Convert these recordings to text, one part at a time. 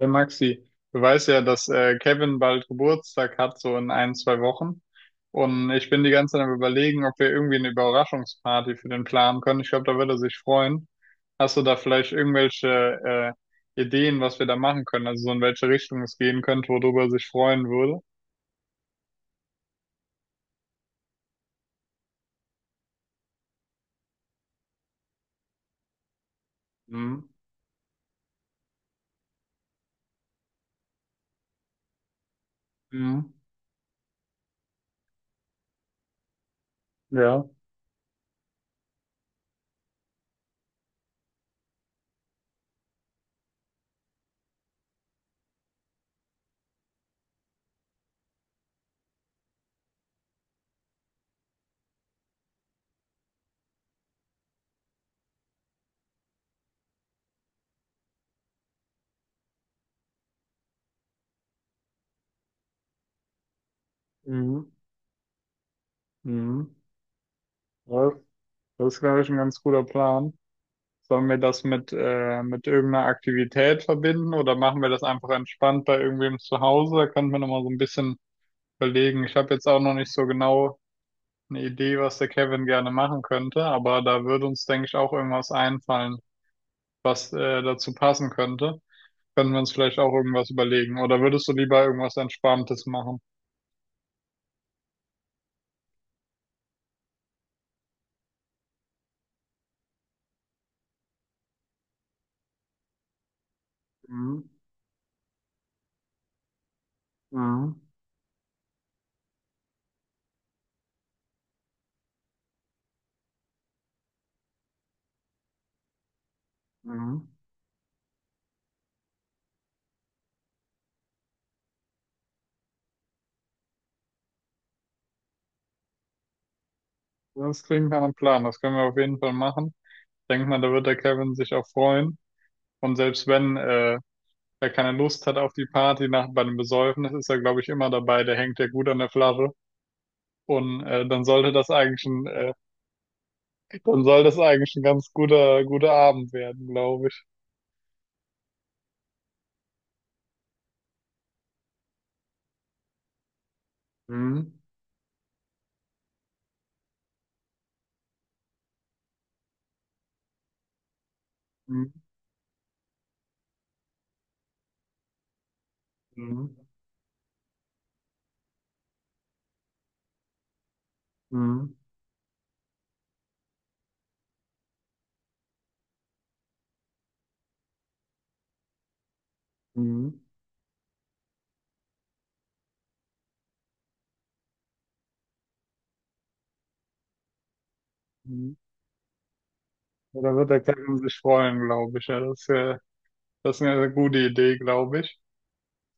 Der Maxi, du weißt ja, dass Kevin bald Geburtstag hat, so in ein, zwei Wochen. Und ich bin die ganze Zeit am Überlegen, ob wir irgendwie eine Überraschungsparty für den planen können. Ich glaube, da würde er sich freuen. Hast du da vielleicht irgendwelche Ideen, was wir da machen können? Also so in welche Richtung es gehen könnte, worüber er sich freuen würde? Mhm. Mhm. Ja. Mhm. Mhm. Das, Das ist, glaube ich, ein ganz guter Plan. Sollen wir das mit irgendeiner Aktivität verbinden oder machen wir das einfach entspannt bei irgendwem zu Hause? Da könnten wir nochmal so ein bisschen überlegen. Ich habe jetzt auch noch nicht so genau eine Idee, was der Kevin gerne machen könnte, aber da würde uns, denke ich, auch irgendwas einfallen, was dazu passen könnte. Können wir uns vielleicht auch irgendwas überlegen? Oder würdest du lieber irgendwas Entspanntes machen? Mhm. Mhm. Mhm. Das klingt nach einem Plan. Das können wir auf jeden Fall machen. Ich denke mal, da wird der Kevin sich auch freuen. Und selbst wenn wer keine Lust hat auf die Party nach bei dem Besäufen, das ist ja, glaube ich, immer dabei, der hängt ja gut an der Flasche. Und dann soll das eigentlich ein ganz guter Abend werden, glaube ich. Mhm. Mhm. Mhm. Mhm. Mhm. Mhm. Ja, da wird der Kevin sich freuen, glaube ich. Ja, das ist eine gute Idee, glaube ich.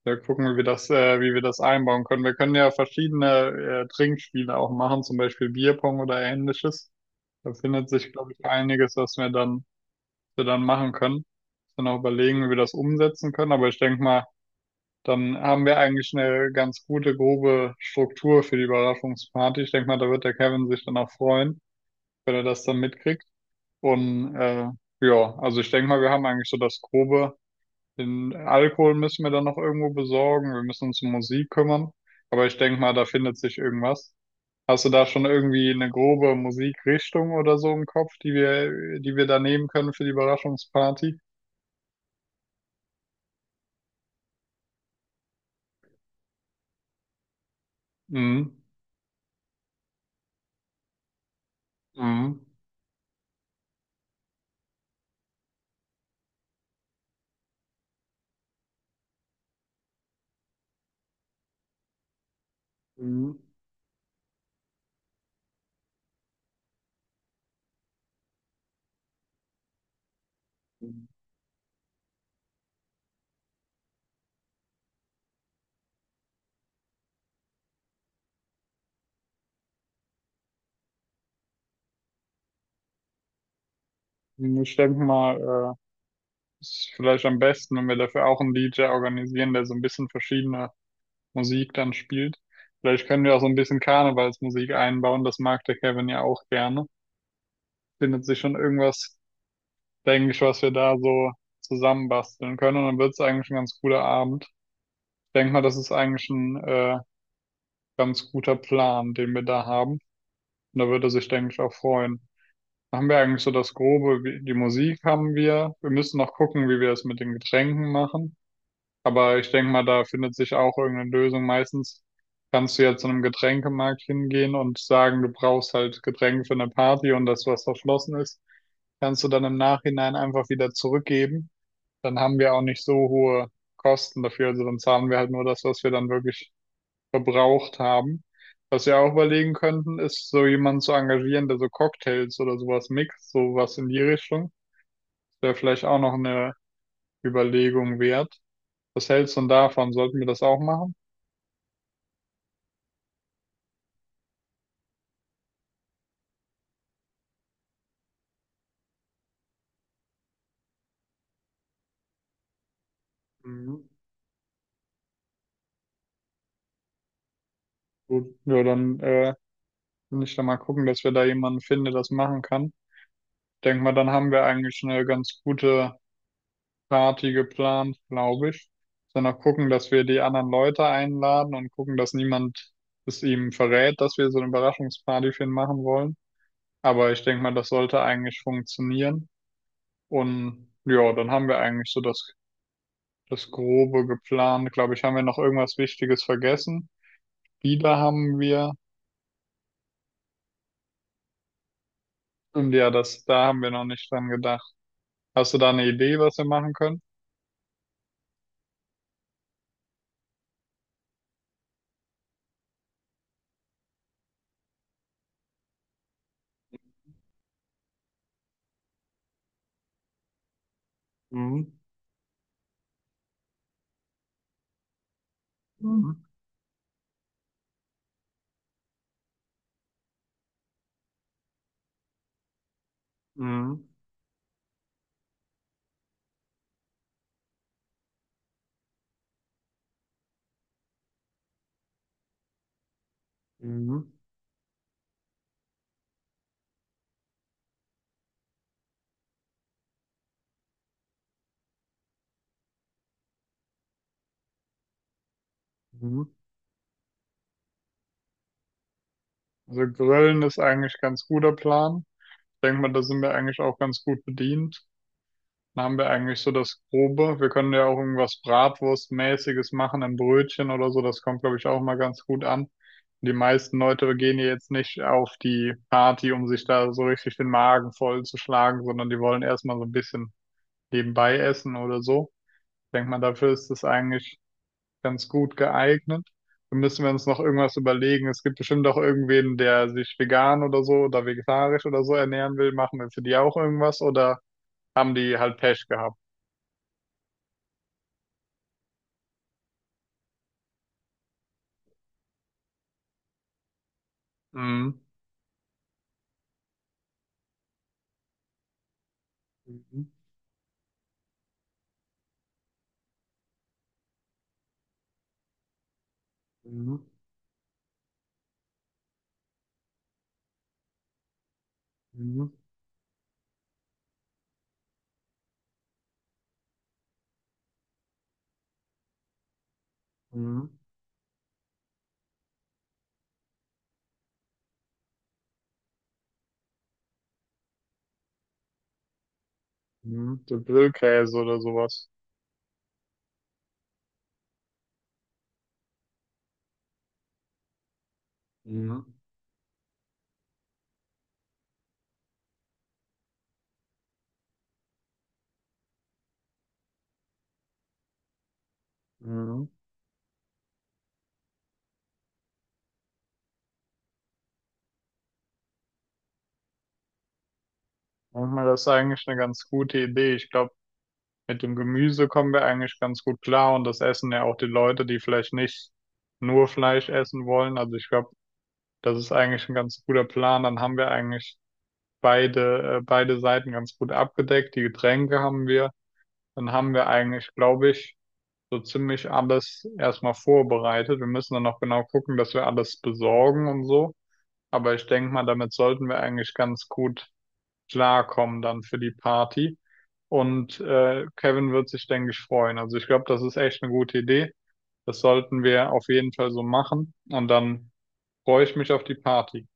Da gucken wir, wie wir das einbauen können. Wir können ja verschiedene Trinkspiele auch machen, zum Beispiel Bierpong oder ähnliches. Da findet sich, glaube ich, einiges, was wir dann machen können. Dann auch überlegen, wie wir das umsetzen können. Aber ich denke mal, dann haben wir eigentlich eine ganz gute, grobe Struktur für die Überraschungsparty. Ich denke mal, da wird der Kevin sich dann auch freuen, wenn er das dann mitkriegt. Und ja, also ich denke mal, wir haben eigentlich so das Grobe. Den Alkohol müssen wir dann noch irgendwo besorgen. Wir müssen uns um Musik kümmern. Aber ich denke mal, da findet sich irgendwas. Hast du da schon irgendwie eine grobe Musikrichtung oder so im Kopf, die wir da nehmen können für die Überraschungsparty? Mhm. Mhm. Mhm. Ich denke mal, ist vielleicht am besten, wenn wir dafür auch einen DJ organisieren, der so ein bisschen verschiedene Musik dann spielt. Vielleicht können wir auch so ein bisschen Karnevalsmusik einbauen, das mag der Kevin ja auch gerne. Findet sich schon irgendwas, denke ich, was wir da so zusammenbasteln können und dann wird es eigentlich ein ganz cooler Abend. Ich denke mal, das ist eigentlich ein ganz guter Plan, den wir da haben. Und da würde er sich, denke ich, auch freuen. Haben wir eigentlich so das Grobe, wie- die Musik haben wir. Wir müssen noch gucken, wie wir es mit den Getränken machen. Aber ich denke mal, da findet sich auch irgendeine Lösung. Meistens kannst du ja zu einem Getränkemarkt hingehen und sagen, du brauchst halt Getränke für eine Party und das, was verschlossen ist, kannst du dann im Nachhinein einfach wieder zurückgeben. Dann haben wir auch nicht so hohe Kosten dafür. Also dann zahlen wir halt nur das, was wir dann wirklich verbraucht haben. Was wir auch überlegen könnten, ist so jemanden zu engagieren, der so Cocktails oder sowas mixt, sowas in die Richtung. Das wäre vielleicht auch noch eine Überlegung wert. Was hältst du denn davon? Sollten wir das auch machen? Mhm. Gut, ja, dann will ich da mal gucken, dass wir da jemanden finden, der das machen kann. Denk mal, dann haben wir eigentlich eine ganz gute Party geplant, glaube ich. Dann noch gucken, dass wir die anderen Leute einladen und gucken, dass niemand es ihm verrät, dass wir so eine Überraschungsparty für ihn machen wollen. Aber ich denke mal, das sollte eigentlich funktionieren. Und ja, dann haben wir eigentlich so das Grobe geplant. Glaube ich, haben wir noch irgendwas Wichtiges vergessen? Lieder haben wir. Und ja, das, da haben wir noch nicht dran gedacht. Hast du da eine Idee, was wir machen können? Mhm. Mhm. Mhm. Mhm. Mhm. Also Grillen ist eigentlich ein ganz guter Plan. Ich denke mal, da sind wir eigentlich auch ganz gut bedient. Dann haben wir eigentlich so das Grobe. Wir können ja auch irgendwas Bratwurstmäßiges machen, ein Brötchen oder so. Das kommt, glaube ich, auch mal ganz gut an. Die meisten Leute gehen ja jetzt nicht auf die Party, um sich da so richtig den Magen vollzuschlagen, sondern die wollen erstmal so ein bisschen nebenbei essen oder so. Ich denke mal, dafür ist es eigentlich ganz gut geeignet. Dann müssen wir uns noch irgendwas überlegen. Es gibt bestimmt auch irgendwen, der sich vegan oder so oder vegetarisch oder so ernähren will. Machen wir für die auch irgendwas oder haben die halt Pech gehabt? Mhm. Mhm. Mhm. Mhm. Mhm. Mhm. So Grillkäse oder sowas. Mhm. Mhm. Manchmal ist eigentlich eine ganz gute Idee. Ich glaube, mit dem Gemüse kommen wir eigentlich ganz gut klar und das essen ja auch die Leute, die vielleicht nicht nur Fleisch essen wollen. Also ich glaube, das ist eigentlich ein ganz guter Plan. Dann haben wir eigentlich beide Seiten ganz gut abgedeckt. Die Getränke haben wir. Dann haben wir eigentlich, glaube ich, so ziemlich alles erstmal vorbereitet. Wir müssen dann noch genau gucken, dass wir alles besorgen und so. Aber ich denke mal, damit sollten wir eigentlich ganz gut klarkommen dann für die Party. Und Kevin wird sich, denke ich, freuen. Also ich glaube, das ist echt eine gute Idee. Das sollten wir auf jeden Fall so machen. Und dann freue ich mich auf die Party.